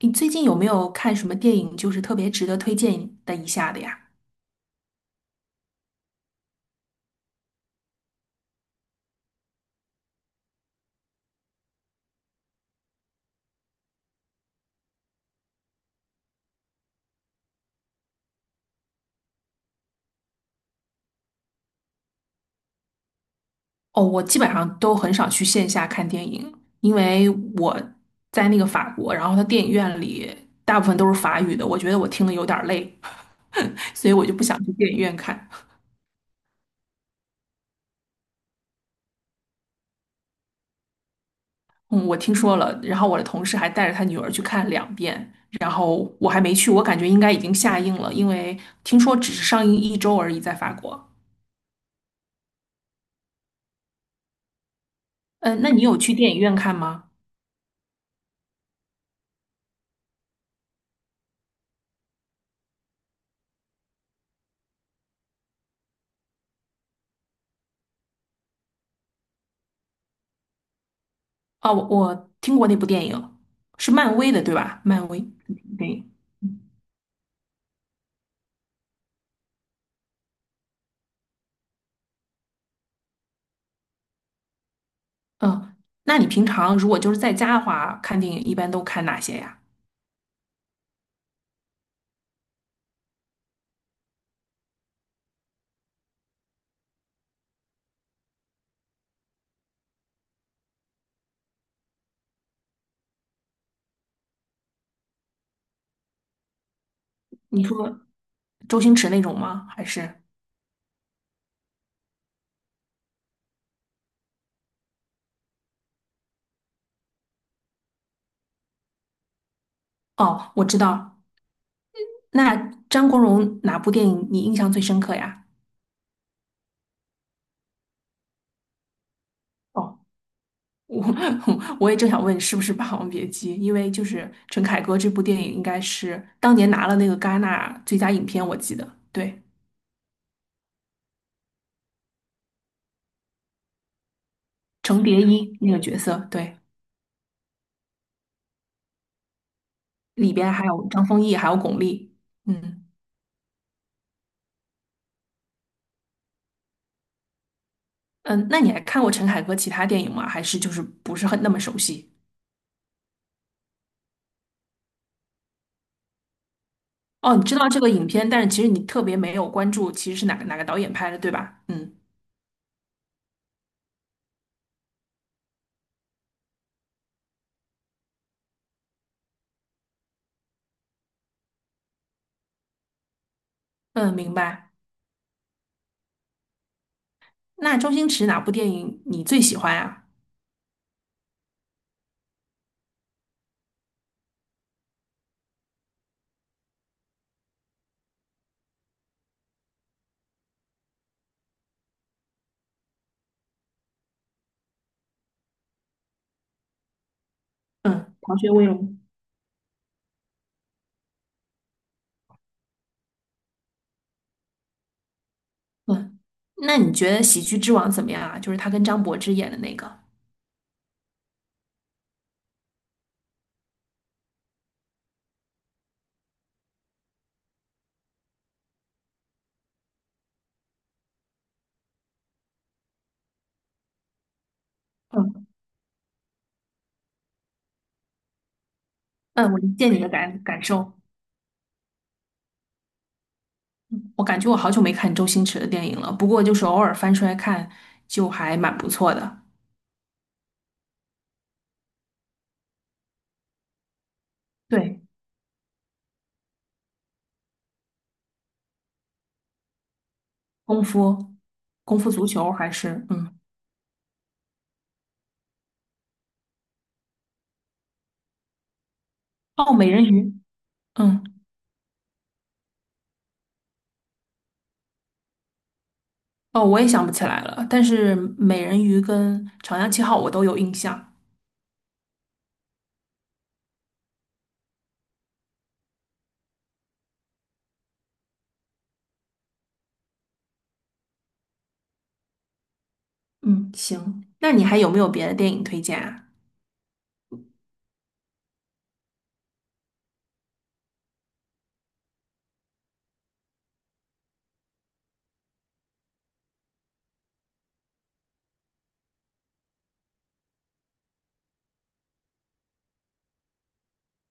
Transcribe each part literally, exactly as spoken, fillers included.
你最近有没有看什么电影，就是特别值得推荐的一下的呀？哦，我基本上都很少去线下看电影，因为我在那个法国，然后它电影院里大部分都是法语的，我觉得我听的有点儿累，所以我就不想去电影院看。嗯，我听说了，然后我的同事还带着他女儿去看两遍，然后我还没去，我感觉应该已经下映了，因为听说只是上映一周而已，在法国。嗯，那你有去电影院看吗？哦，我我听过那部电影，是漫威的，对吧？漫威电影。嗯，那你平常如果就是在家的话，看电影一般都看哪些呀？你说周星驰那种吗？还是？哦，我知道。那张国荣哪部电影你印象最深刻呀？哦，我 我也正想问是不是《霸王别姬》，因为就是陈凯歌这部电影应该是当年拿了那个戛纳最佳影片，我记得。对，程蝶衣那个角色，对。里边还有张丰毅，还有巩俐。嗯嗯，那你还看过陈凯歌其他电影吗？还是就是不是很那么熟悉？哦，你知道这个影片，但是其实你特别没有关注，其实是哪个哪个导演拍的，对吧？嗯嗯，明白。那周星驰哪部电影你最喜欢啊？嗯，逃学威龙。嗯，那你觉得《喜剧之王》怎么样啊？就是他跟张柏芝演的那个。嗯嗯，我理解你的感感受。我感觉我好久没看周星驰的电影了，不过就是偶尔翻出来看，就还蛮不错的。对。功夫，功夫足球还是嗯，哦，美人鱼，嗯，哦，我也想不起来了。但是美人鱼跟长江七号我都有印象。嗯，行，那你还有没有别的电影推荐啊？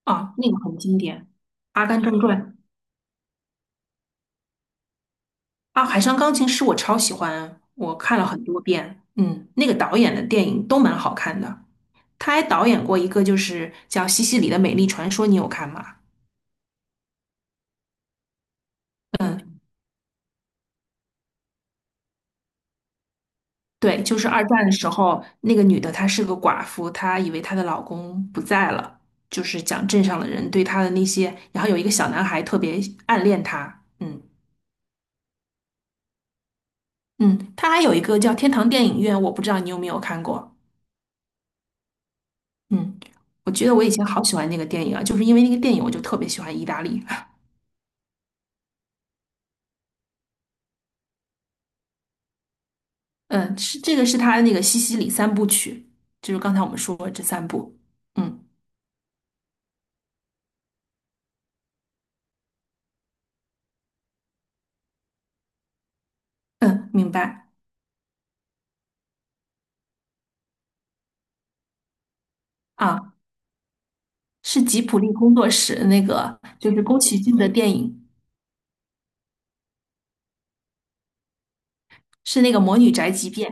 啊，那个很经典，《阿甘正传》啊，《海上钢琴师》我超喜欢，我看了很多遍。嗯，那个导演的电影都蛮好看的。他还导演过一个就是叫《西西里的美丽传说》，你有看吗？嗯。对，就是二战的时候，那个女的她是个寡妇，她以为她的老公不在了，就是讲镇上的人对她的那些，然后有一个小男孩特别暗恋她，嗯嗯，她还有一个叫《天堂电影院》，我不知道你有没有看过，嗯，我觉得我以前好喜欢那个电影啊，就是因为那个电影，我就特别喜欢意大利，嗯，是这个是他的那个西西里三部曲，就是刚才我们说的这三部，嗯嗯，明白啊，是吉普力工作室那个就是宫崎骏的电影。是那个《魔女宅急便》，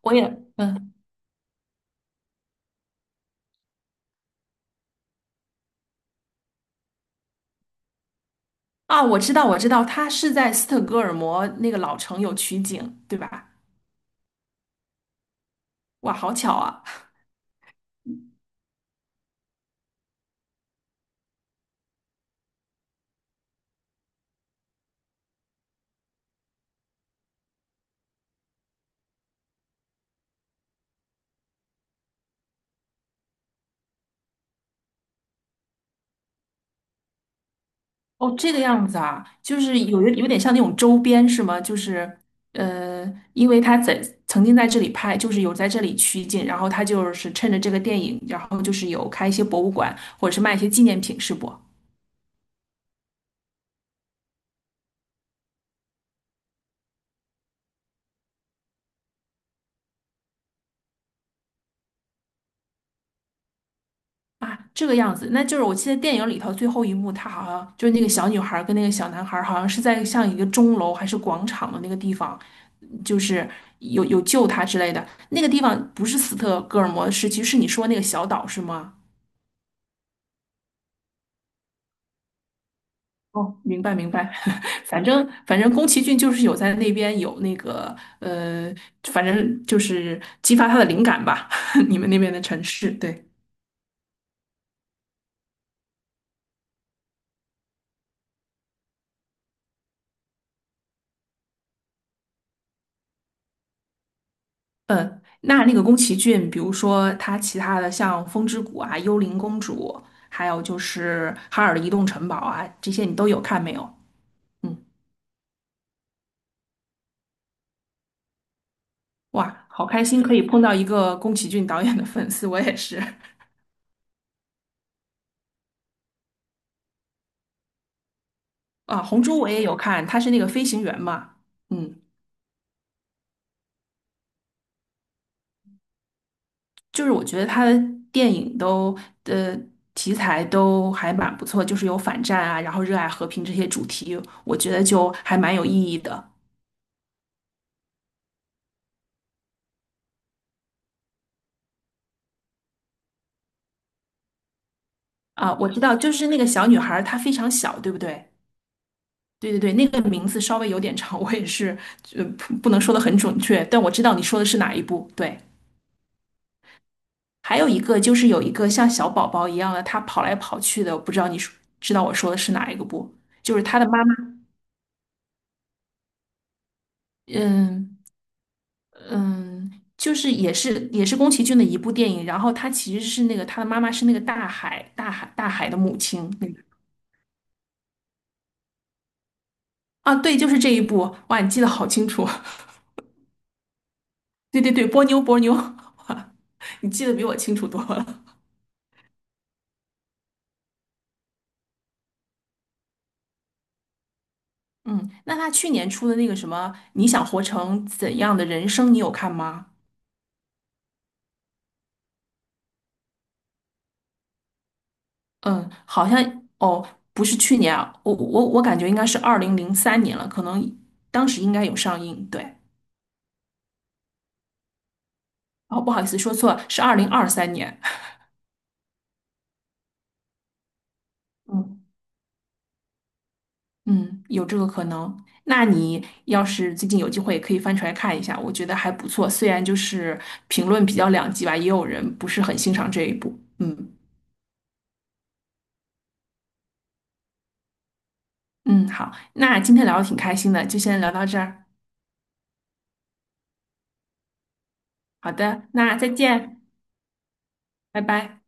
我也嗯啊，我知道我知道，它是在斯德哥尔摩那个老城有取景，对吧？哇，好巧啊！哦，这个样子啊，就是有有有点像那种周边是吗？就是呃，因为他在曾经在这里拍，就是有在这里取景，然后他就是趁着这个电影，然后就是有开一些博物馆或者是卖一些纪念品，是不？啊，这个样子，那就是我记得电影里头最后一幕，他好像就是那个小女孩儿跟那个小男孩儿好像是在像一个钟楼还是广场的那个地方，就是有有救他之类的。那个地方不是斯德哥尔摩市区，是你说那个小岛是吗？哦，明白明白，反正反正宫崎骏就是有在那边有那个呃，反正就是激发他的灵感吧，你们那边的城市，对。嗯，那那个宫崎骏，比如说他其他的像《风之谷》啊、《幽灵公主》，还有就是《哈尔的移动城堡》啊，这些你都有看没有？嗯，哇，好开心可以碰到一个宫崎骏导演的粉丝，我也是啊，《红猪》我也有看，他是那个飞行员嘛，嗯，就是我觉得他的电影都呃题材都还蛮不错，就是有反战啊，然后热爱和平这些主题，我觉得就还蛮有意义的啊。我知道，就是那个小女孩儿，她非常小，对不对？对对对，那个名字稍微有点长，我也是，呃，不不能说的很准确，但我知道你说的是哪一部。对，还有一个就是有一个像小宝宝一样的，他跑来跑去的，我不知道你说知道我说的是哪一个不？就是他的妈妈，嗯嗯，就是也是也是宫崎骏的一部电影，然后他其实是那个他的妈妈是那个大海大海大海的母亲，啊，对，就是这一部，哇，你记得好清楚，对对对，波妞波妞，你记得比我清楚多了。嗯，那他去年出的那个什么《你想活成怎样的人生》，你有看吗？嗯，好像哦，不是去年啊，我我我感觉应该是二零零三年了，可能当时应该有上映。对，哦，不好意思，说错了，是二零二三年。嗯嗯，有这个可能。那你要是最近有机会，也可以翻出来看一下，我觉得还不错。虽然就是评论比较两极吧，也有人不是很欣赏这一部。嗯嗯，好，那今天聊的挺开心的，就先聊到这儿。好的，那再见，拜拜。